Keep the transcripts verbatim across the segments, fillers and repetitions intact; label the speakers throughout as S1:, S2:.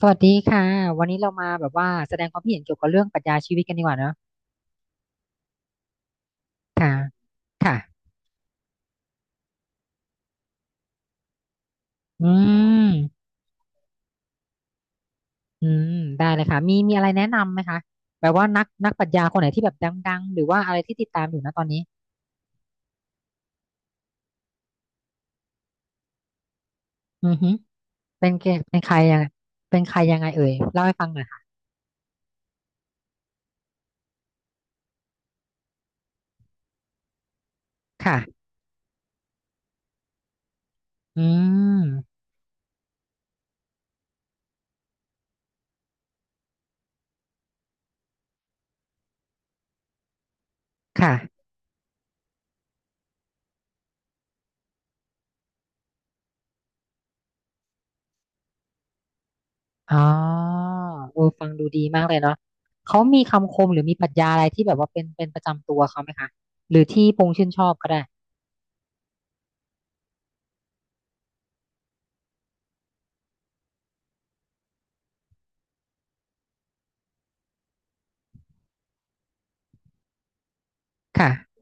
S1: สวัสดีค่ะวันนี้เรามาแบบว่าแสดงความคิดเห็นเกี่ยวกับเรื่องปรัชญาชีวิตกันดีกว่าเนอะค่ะค่ะอืมอืมได้เลยค่ะมีมีอะไรแนะนำไหมคะแบบว่านักนักปรัชญาคนไหนที่แบบดังๆหรือว่าอะไรที่ติดตามอยู่นะตอนนี้อือฮึเป็นเกเป็นใครยังไงเป็นใครยังไงเอ่ยเล่าให้ฟังหน่อยค่ะค่ะอืมค่ะอ๋อเออฟังดูดีมากเลยเนาะเขามีคำคมหรือมีปรัชญาอะไรที่แบบว่าเป็นเป็นประจำตัวเขาไหมคะหรือที่พงษ์ชื่นชอบก็ได้ค่ะ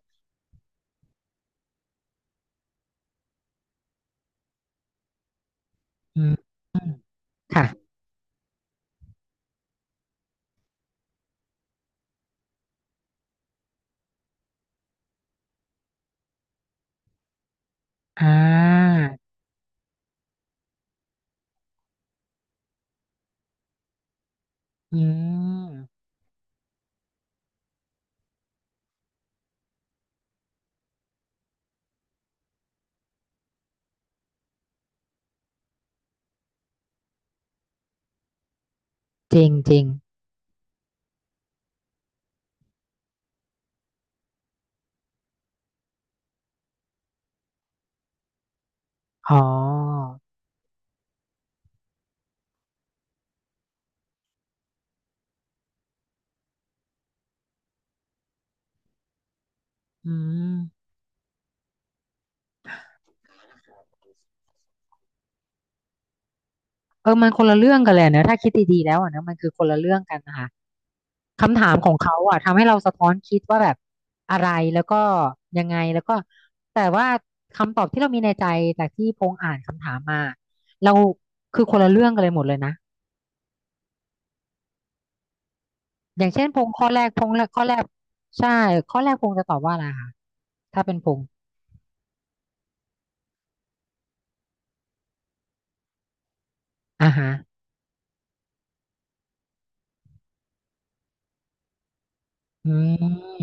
S1: อืมอืมค่ะอ่าอืมจริงจริง อ๋ออืมเออมันคนละเรื่องกันเลยนะถ้าคิดดีๆแล้วอ่ะนะมันคือคนละเรื่องกันนะคะคำถามของเขาอ่ะ ทำให้เราสะท้อนคิดว่าแบบอะไร แล้วก็ยังไงแล้วก็แต่ว่าคำตอบที่เรามีในใจจากที่พงษ์อ่านคำถามมา เราคือคนละเรื่องกันเลยหมดเลยนะ อย่างเช่นพงษ์ข้อแรกพงษ์แรกข้อแรกใช่ข้อแรกพงษ์จะตอบว่าอะไรคะถ้าเป็นพงษ์อ่าฮะอืม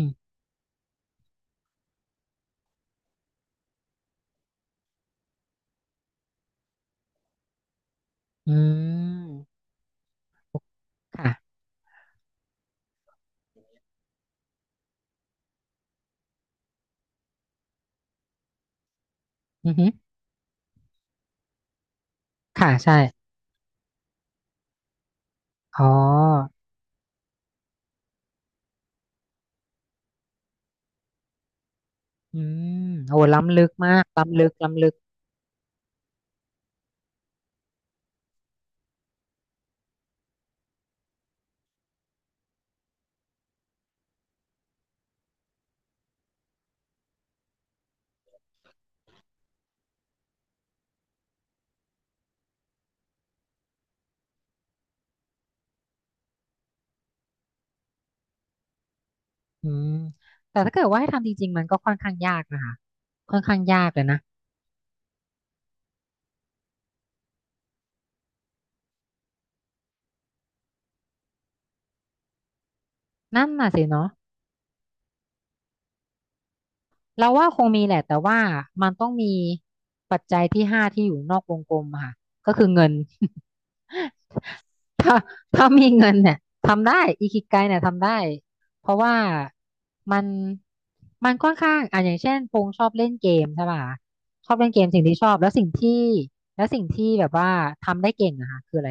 S1: อืมค่ะอือฮึค่ะใช่ อ๋ออืมโอ้ล้ำลึกมากล้ำลึกล้ำลึกอืมแต่ถ้าเกิดว่าให้ทำจริงๆ มันก็ค่อนข้างยากนะคะค่อนข้างยากเลยนะ นั่นน่ะสิเนาะเราว่าคงมีแหละแต่ว่ามันต้องมีปัจจัยที่ห้าที่อยู่นอกวงกลมอะค่ะก็คือเงิน ถ้าถ้ามีเงินเนี่ยทำได้อิคิไกเนี่ยทำได้ เพราะว่ามันมันค่อนข้างอ่ะอย่างเช่นพงษ์ชอบเล่นเกมใช่ป่ะชอบเล่นเกมสิ่งที่ชอบแล้วสิ่งที่แล้วสิ่งที่แบบว่าทำได้เก่งอะค่ะคืออะไร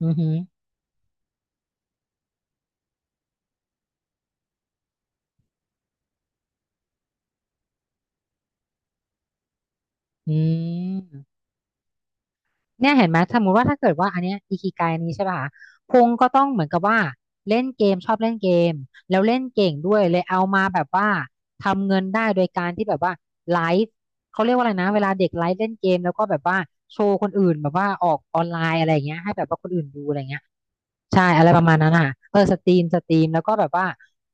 S1: อือหืออืม เนี่ยเห็นไหมสมมติว่าถ้าเกิดว่าอันเนี้ยอิคิไกนี้ใช่ป่ะคะพงก็ต้องเหมือนกับว่าเล่นเกมชอบเล่นเกมแล้วเล่นเก่งด้วยเลยเอามาแบบว่าทำเงินได้โดยการที่แบบว่าไลฟ์เขาเรียกว่าอะไรนะเวลาเด็กไลฟ์เล่นเกมแล้วก็แบบว่าโชว์คนอื่นแบบว่าออกออนไลน์อะไรอย่างเงี้ยให้แบบว่าคนอื่นดูอะไรเงี้ย ใช่อะไรประมาณนั้นอ่ะเออสตรีมสตรีมแล้วก็แบบว่า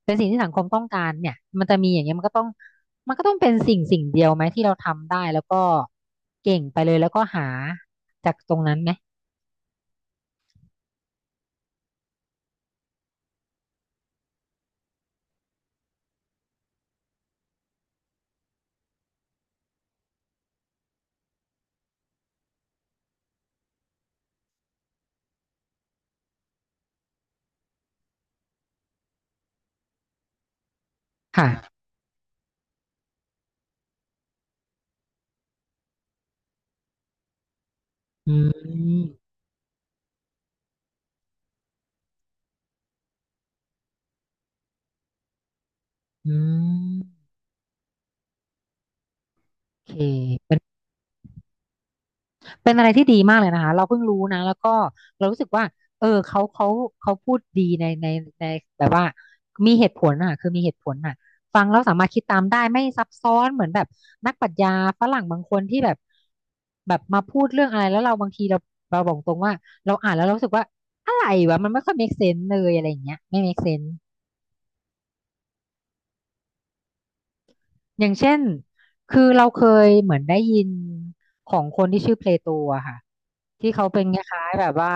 S1: เป็นสิ่งที่สังคมต้องการเนี่ยมันจะมีอย่างเงี้ยมันก็ต้องมันก็ต้องเป็นสิ่งสิ่งเดียวไหมที่เราทำได้แล้วก็เก่งไปเลยแล้วก็หาจากตรงนั้นไหมค่ะอืมอืมโอเค เป็นอะไรที่ดีมากเลยนะคะเราเพิ่งรู้นะแล้วก็เรารู้สึกว่าเออเขาเขาเขาพูดดีในในในแบบว่ามีเหตุผลอ่ะคือมีเหตุผลอ่ะฟังแล้วสามารถคิดตามได้ไม่ซับซ้อนเหมือนแบบนักปรัชญาฝรั่งบางคนที่แบบแบบมาพูดเรื่องอะไรแล้วเราบางทีเราเราบอกตรงว่าเราอ่านแล้วเรารู้สึกว่าอะไรวะมันไม่ค่อย make sense เลยอะไรอย่างเงี้ยไม่ make sense อย่างเช่น คือเราเคยเหมือนได้ยินของคนที่ชื่อเพลโตอะค่ะที่เขาเป็นคล้ายๆแบบว่า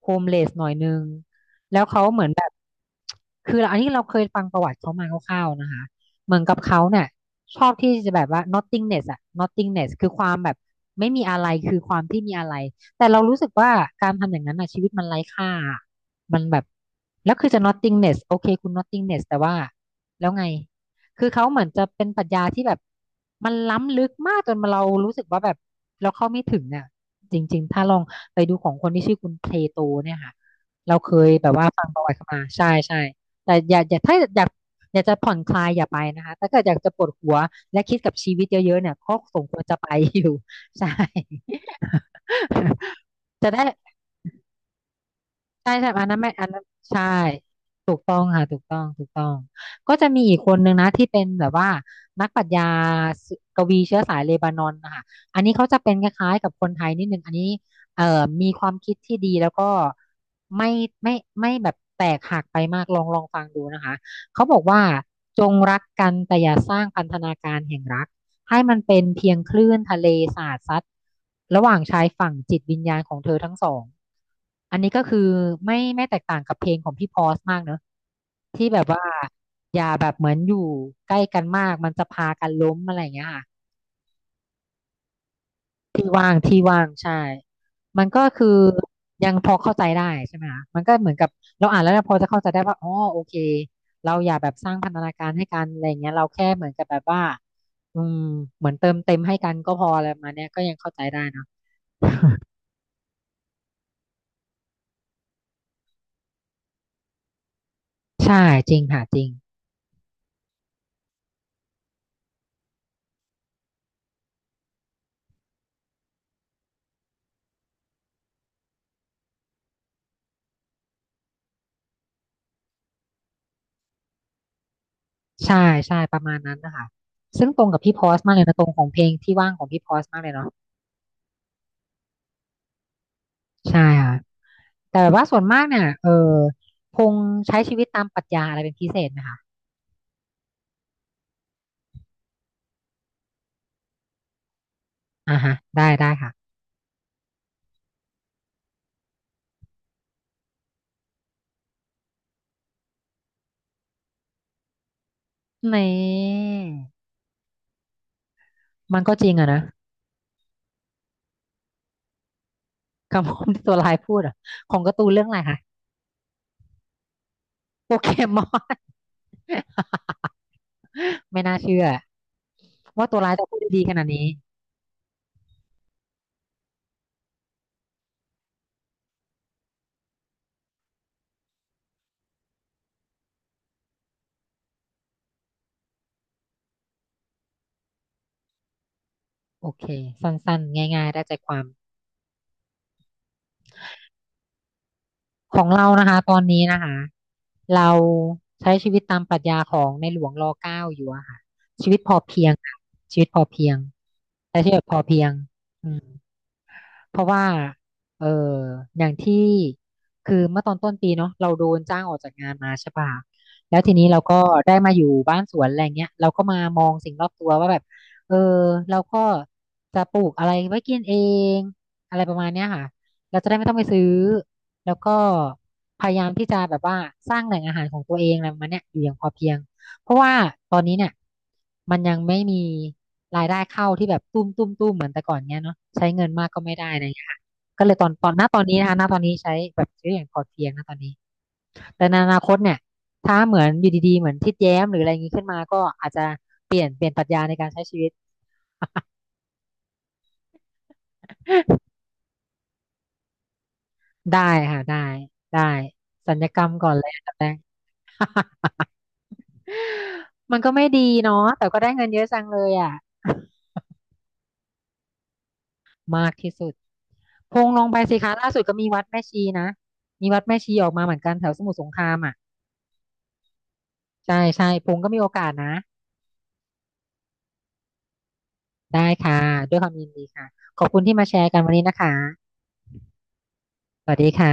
S1: โฮมเลสหน่อยนึงแล้วเขาเหมือนแบบคืออันนี้เราเคยฟังประวัติเขามาคร่าวๆนะคะเหมือนกับเขาเนี่ยชอบที่จะแบบว่า nothingness อะ nothingness คือความแบบไม่มีอะไรคือความที่มีอะไรแต่เรารู้สึกว่าการทำอย่างนั้นอะชีวิตมันไร้ค่ามันแบบแล้วคือจะ nothingness โอเคคุณ nothingness แต่ว่าแล้วไง คือเขาเหมือนจะเป็นปรัชญาที่แบบมันล้ำลึกมากจนเรารู้สึกว่าแบบเราเข้าไม่ถึงเนี่ะจริงๆถ้าลองไปดูของคนที่ชื่อคุณเพลโตเนี่ยค่ะเราเคยแบบว่าฟังประวัติเขามาใช่ใช่แต่อย่าอย่าถ้าอยากอยากจะผ่อนคลายอย่าไปนะคะถ้าเกิดอยากจะปวดหัวและคิดกับชีวิตเยอะๆเนี่ยก็สมควรจะไปอยู่ ใช่ จะได้ ใช่ใช่อันนั้นไม่อันนั้นใช่ถูกต้องค่ะถูกต้องถูกต้องก็จะมีอีกคนนึงนะที่เป็นแบบว่านักปรัชญาสกวีเชื้อสายเลบานอนนะคะอันนี้เขาจะเป็นคล้ายๆกับคนไทยนิดนึงอันนี้เอ่อมีความคิดที่ดีแล้วก็ไม่ไม่ไม่แบบแตกหักไปมากลองลองฟังดูนะคะเขาบอกว่าจงรักกันแต่อย่าสร้างพันธนาการแห่งรัก ให้มันเป็นเพียงคลื่นทะเลสาดซัดระหว่างชายฝั่งจิตวิญญาณของเธอทั้งสองอันนี้ก็คือไม่ไม่แตกต่างกับเพลงของพี่พอสมากเนอะที่แบบว่าอย่าแบบเหมือนอยู่ใกล้กันมากมันจะพากันล้มอะไรอย่างเงี้ยค่ะ ที่ว่างที่ว่างใช่มันก็คือยังพอเข้าใจได้ใช่ไหมคะมันก็เหมือนกับเราอ่านแล้วเราพอจะเข้าใจได้ว่าอ๋อโอเคเราอย่าแบบสร้างพันธนาการให้กันอะไรอย่างเงี้ยเราแค่เหมือนกับแบบว่าอืมเหมือนเติมเต็มให้กันก็พออะไรประมาณเนี้ยก็ยังเข้าใจได้เนาะใช่จริงค่ะจริงใช่ใช่ประมาณนั้นนะคะซึ่งตรงกับพี่พอสมากเลยนะตรงของเพลงที่ว่างของพี่พอสมากเลยเนาะใช่ค่ะ แต่แบบว่าส่วนมากเนี่ยเออพงษ์ใช้ชีวิตตามปรัชญาอะไรเป็นพิเศษไหมคะอ่าฮะได้ได้ค่ะ นี่มันก็จริงอะนะคำพูดที่ตัวร้ายพูดอะของการ์ตูนเรื่องอะไรคะโปเกมอน ไม่น่าเชื่อว่าตัวร้ายจะพูดได้ดีขนาดนี้โอเคสั้นๆง่ายๆได้ใจความของเรานะคะตอนนี้นะคะเราใช้ชีวิตตามปรัชญาของในหลวงรเก้าอยู่อะค่ะชีวิตพอเพียงค่ะชีวิตพอเพียงใช้ชีวิตแบบพอเพียงอืม เพราะว่าเอออย่างที่ คือ เมื่อตอนต้นปีเนาะเราโดนจ้างออกจากงานมาใช่ปะแล้วทีนี้เราก็ได้มาอยู่บ้านสวนอะไรเงี้ยเราก็มามองสิ่งรอบตัวว่าแบบเออเราก็จะปลูกอะไรไว้กินเอง อะไรประมาณเนี้ยค่ะเราจะได้ไม่ต้องไปซื้อ แล้วก็พยายามที่จะแบบว่าสร้างแหล่งอาหารของตัวเองอะไรประมาณเนี้ยอยู่อย่างพอเพียง เพราะว่าตอนนี้เนี่ยมันยังไม่มีรายได้เข้าที่แบบตุ้มตุ้มตุ้มเหมือนแต่ก่อนเนี้ยเนาะใช้เงินมากก็ไม่ได้อะไรอย่างเงี้ยค่ะก็เลยตอนตอนณตอนนี้นะคะณตอนนี้ใช้แบบใช้อย่างพอเพียงนะตอนนี้แต่ในอนาคตเนี่ยถ้าเหมือนอยู่ดีๆเหมือนทิดแย้มหรืออะไรอย่างงี้ขึ้นมาก็อาจจะเปลี่ยนเปลี่ยนปรัชญาในการใช้ชีวิตได้ค่ะได้ได้สัญญกรรมก่อนเลยอันดับแรก มันก็ไม่ดีเนาะแต่ก็ได้เงินเยอะจังเลยอ่ะ มากที่สุดพงลงไปสิคะล่าสุดก็มีวัดแม่ชีนะมีวัดแม่ชีออกมาเหมือนกันแถวสมุทรสงครามอ่ะใช่ใช่พงก็มีโอกาสนะได้ค่ะด้วยความยินดีค่ะขอบคุณที่มาแชร์กันวันนี้นะคะสวัสดีค่ะ